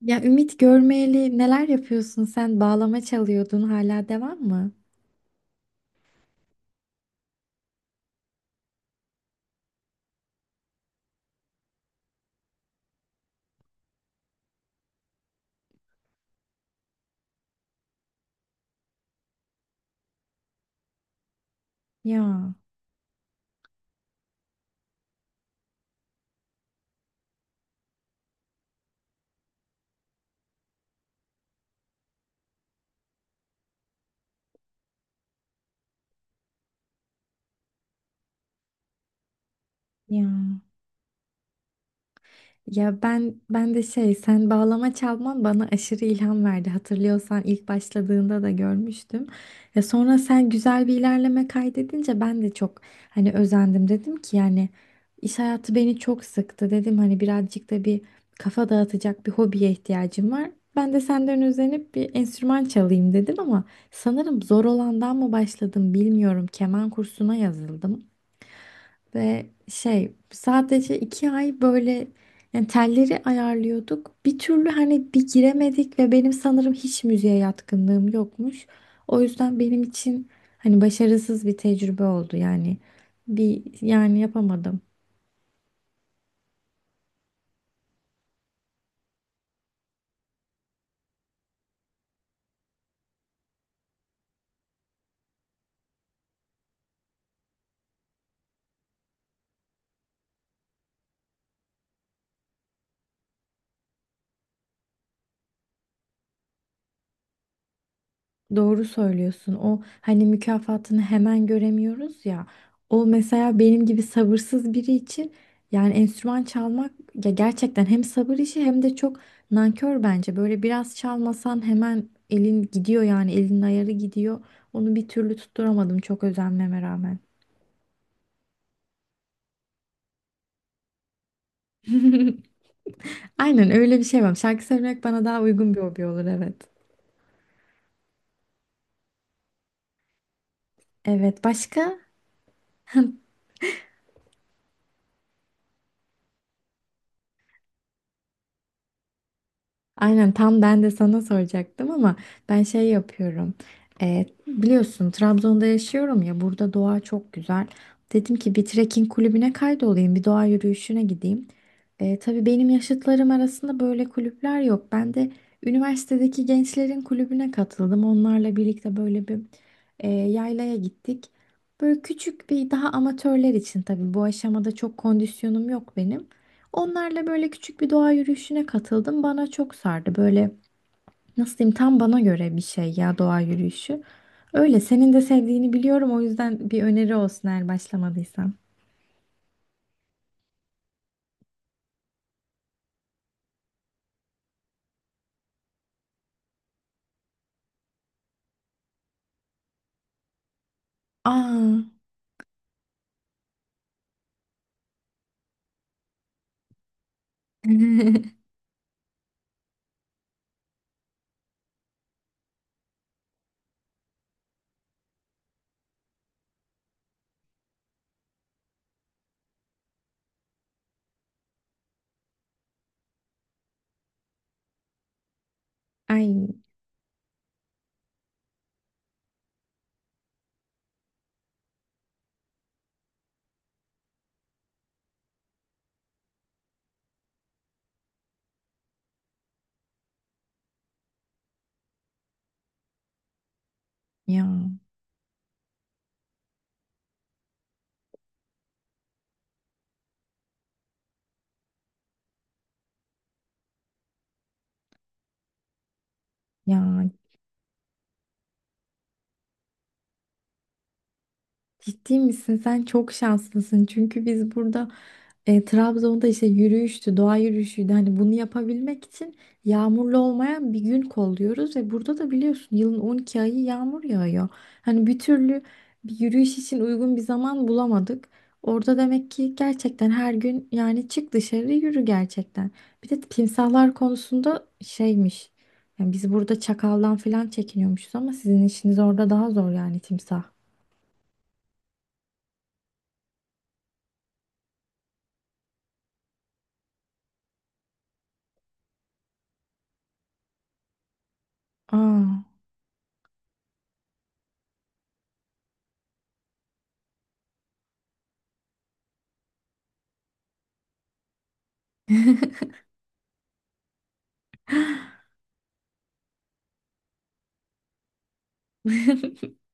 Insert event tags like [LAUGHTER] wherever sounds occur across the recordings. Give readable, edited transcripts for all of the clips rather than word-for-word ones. Ya Ümit görmeyeli neler yapıyorsun sen? Bağlama çalıyordun hala devam mı? Ya, ya. Ya, ben de sen bağlama çalman bana aşırı ilham verdi. Hatırlıyorsan ilk başladığında da görmüştüm. Ya sonra sen güzel bir ilerleme kaydedince ben de çok hani özendim, dedim ki yani iş hayatı beni çok sıktı, dedim hani birazcık da bir kafa dağıtacak bir hobiye ihtiyacım var. Ben de senden özenip bir enstrüman çalayım dedim ama sanırım zor olandan mı başladım bilmiyorum. Keman kursuna yazıldım. Ve sadece iki ay böyle yani telleri ayarlıyorduk. Bir türlü hani bir giremedik ve benim sanırım hiç müziğe yatkınlığım yokmuş. O yüzden benim için hani başarısız bir tecrübe oldu yani. Bir yani yapamadım. Doğru söylüyorsun. O hani mükafatını hemen göremiyoruz ya. O mesela benim gibi sabırsız biri için yani enstrüman çalmak ya gerçekten hem sabır işi hem de çok nankör bence. Böyle biraz çalmasan hemen elin gidiyor yani elin ayarı gidiyor. Onu bir türlü tutturamadım çok özenmeme rağmen. [LAUGHS] Aynen öyle bir şey var. Şarkı söylemek bana daha uygun bir hobi olur, evet. Evet, başka? Aynen, tam ben de sana soracaktım ama ben şey yapıyorum. E, biliyorsun Trabzon'da yaşıyorum ya, burada doğa çok güzel. Dedim ki bir trekking kulübüne kaydolayım, bir doğa yürüyüşüne gideyim. Tabii benim yaşıtlarım arasında böyle kulüpler yok. Ben de üniversitedeki gençlerin kulübüne katıldım. Onlarla birlikte böyle bir yaylaya gittik. Böyle küçük bir daha, amatörler için tabii, bu aşamada çok kondisyonum yok benim. Onlarla böyle küçük bir doğa yürüyüşüne katıldım. Bana çok sardı. Böyle nasıl diyeyim, tam bana göre bir şey ya doğa yürüyüşü. Öyle senin de sevdiğini biliyorum. O yüzden bir öneri olsun eğer başlamadıysan. Aa. [LAUGHS] Ay, ya, ya, ciddi misin? Sen çok şanslısın. Çünkü biz burada Trabzon'da işte yürüyüştü, doğa yürüyüşüydü. Hani bunu yapabilmek için yağmurlu olmayan bir gün kolluyoruz ve burada da biliyorsun yılın 12 ayı yağmur yağıyor. Hani bir türlü bir yürüyüş için uygun bir zaman bulamadık. Orada demek ki gerçekten her gün yani, çık dışarı yürü gerçekten. Bir de timsahlar konusunda şeymiş. Yani biz burada çakaldan falan çekiniyormuşuz ama sizin işiniz orada daha zor, yani timsah. Aa. [LAUGHS]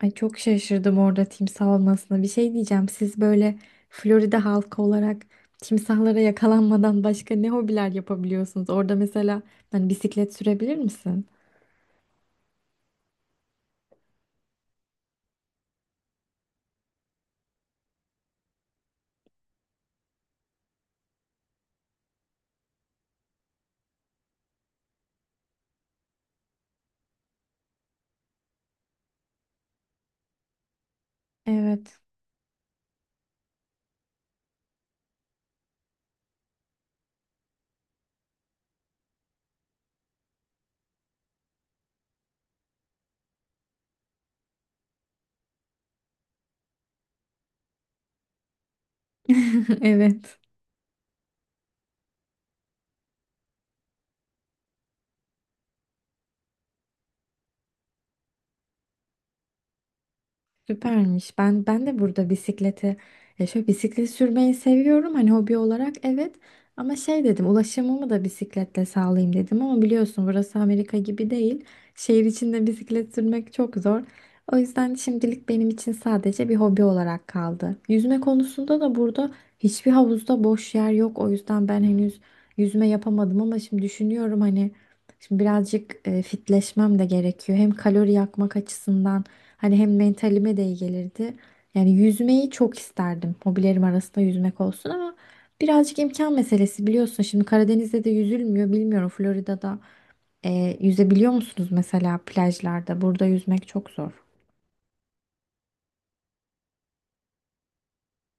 Ay, çok şaşırdım orada timsah olmasına. Bir şey diyeceğim. Siz böyle Florida halkı olarak timsahlara yakalanmadan başka ne hobiler yapabiliyorsunuz? Orada mesela hani bisiklet sürebilir misin? Evet. [LAUGHS] Evet. Süpermiş. Ben de burada bisikleti, ya şöyle, bisiklet sürmeyi seviyorum hani hobi olarak, evet ama dedim ulaşımımı da bisikletle sağlayayım dedim ama biliyorsun burası Amerika gibi değil. Şehir içinde bisiklet sürmek çok zor. O yüzden şimdilik benim için sadece bir hobi olarak kaldı. Yüzme konusunda da burada hiçbir havuzda boş yer yok. O yüzden ben henüz yüzme yapamadım ama şimdi düşünüyorum hani şimdi birazcık fitleşmem de gerekiyor. Hem kalori yakmak açısından hani, hem mentalime de iyi gelirdi. Yani yüzmeyi çok isterdim. Hobilerim arasında yüzmek olsun ama birazcık imkan meselesi biliyorsun. Şimdi Karadeniz'de de yüzülmüyor. Bilmiyorum, Florida'da yüzebiliyor musunuz mesela plajlarda? Burada yüzmek çok zor.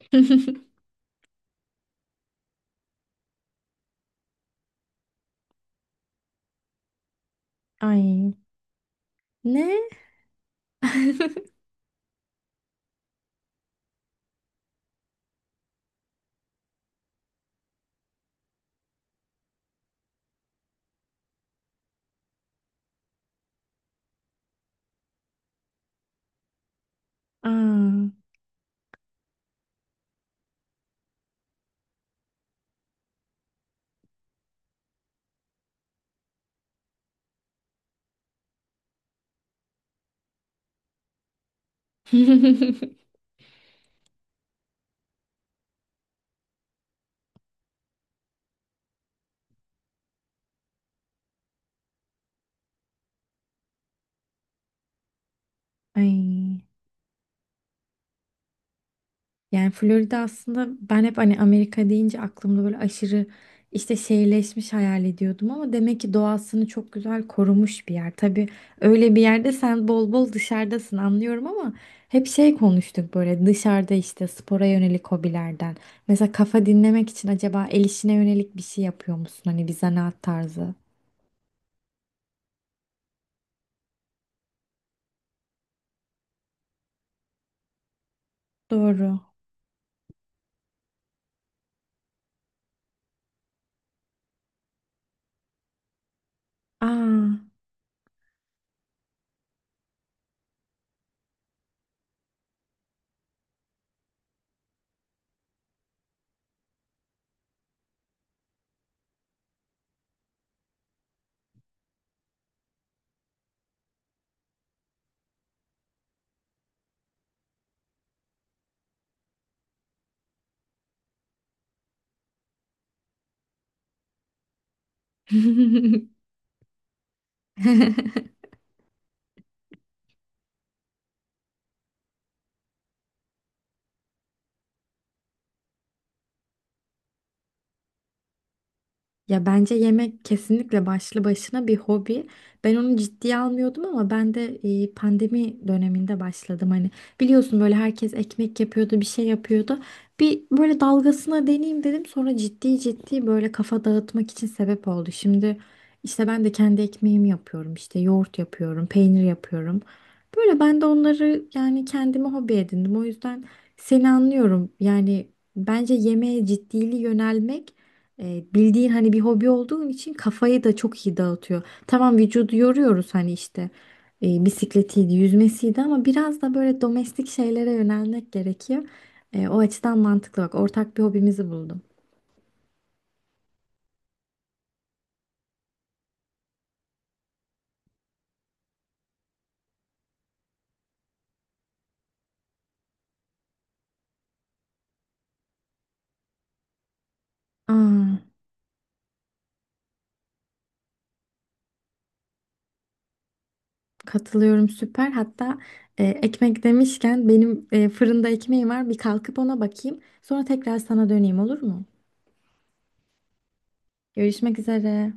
[LAUGHS] Ay, ne? [LAUGHS] Aa. [LAUGHS] Ay. Yani Florida, aslında ben hep hani Amerika deyince aklımda böyle aşırı işte şehirleşmiş hayal ediyordum ama demek ki doğasını çok güzel korumuş bir yer. Tabii öyle bir yerde sen bol bol dışarıdasın anlıyorum ama hep konuştuk böyle dışarıda işte spora yönelik hobilerden. Mesela kafa dinlemek için acaba el işine yönelik bir şey yapıyor musun? Hani bir zanaat tarzı. Doğru. Aa. [LAUGHS] Ya bence yemek kesinlikle başlı başına bir hobi. Ben onu ciddiye almıyordum ama ben de pandemi döneminde başladım. Hani biliyorsun böyle herkes ekmek yapıyordu, bir şey yapıyordu. Bir böyle dalgasına deneyeyim dedim. Sonra ciddi ciddi böyle kafa dağıtmak için sebep oldu. Şimdi işte ben de kendi ekmeğimi yapıyorum. İşte yoğurt yapıyorum, peynir yapıyorum. Böyle ben de onları yani kendime hobi edindim. O yüzden seni anlıyorum. Yani bence yemeğe ciddili yönelmek bildiğin hani bir hobi olduğun için kafayı da çok iyi dağıtıyor. Tamam, vücudu yoruyoruz hani işte bisikletiydi, yüzmesiydi ama biraz da böyle domestik şeylere yönelmek gerekiyor. O açıdan mantıklı, bak ortak bir hobimizi buldum. Aa, katılıyorum, süper. Hatta ekmek demişken benim fırında ekmeğim var, bir kalkıp ona bakayım. Sonra tekrar sana döneyim, olur mu? Görüşmek üzere.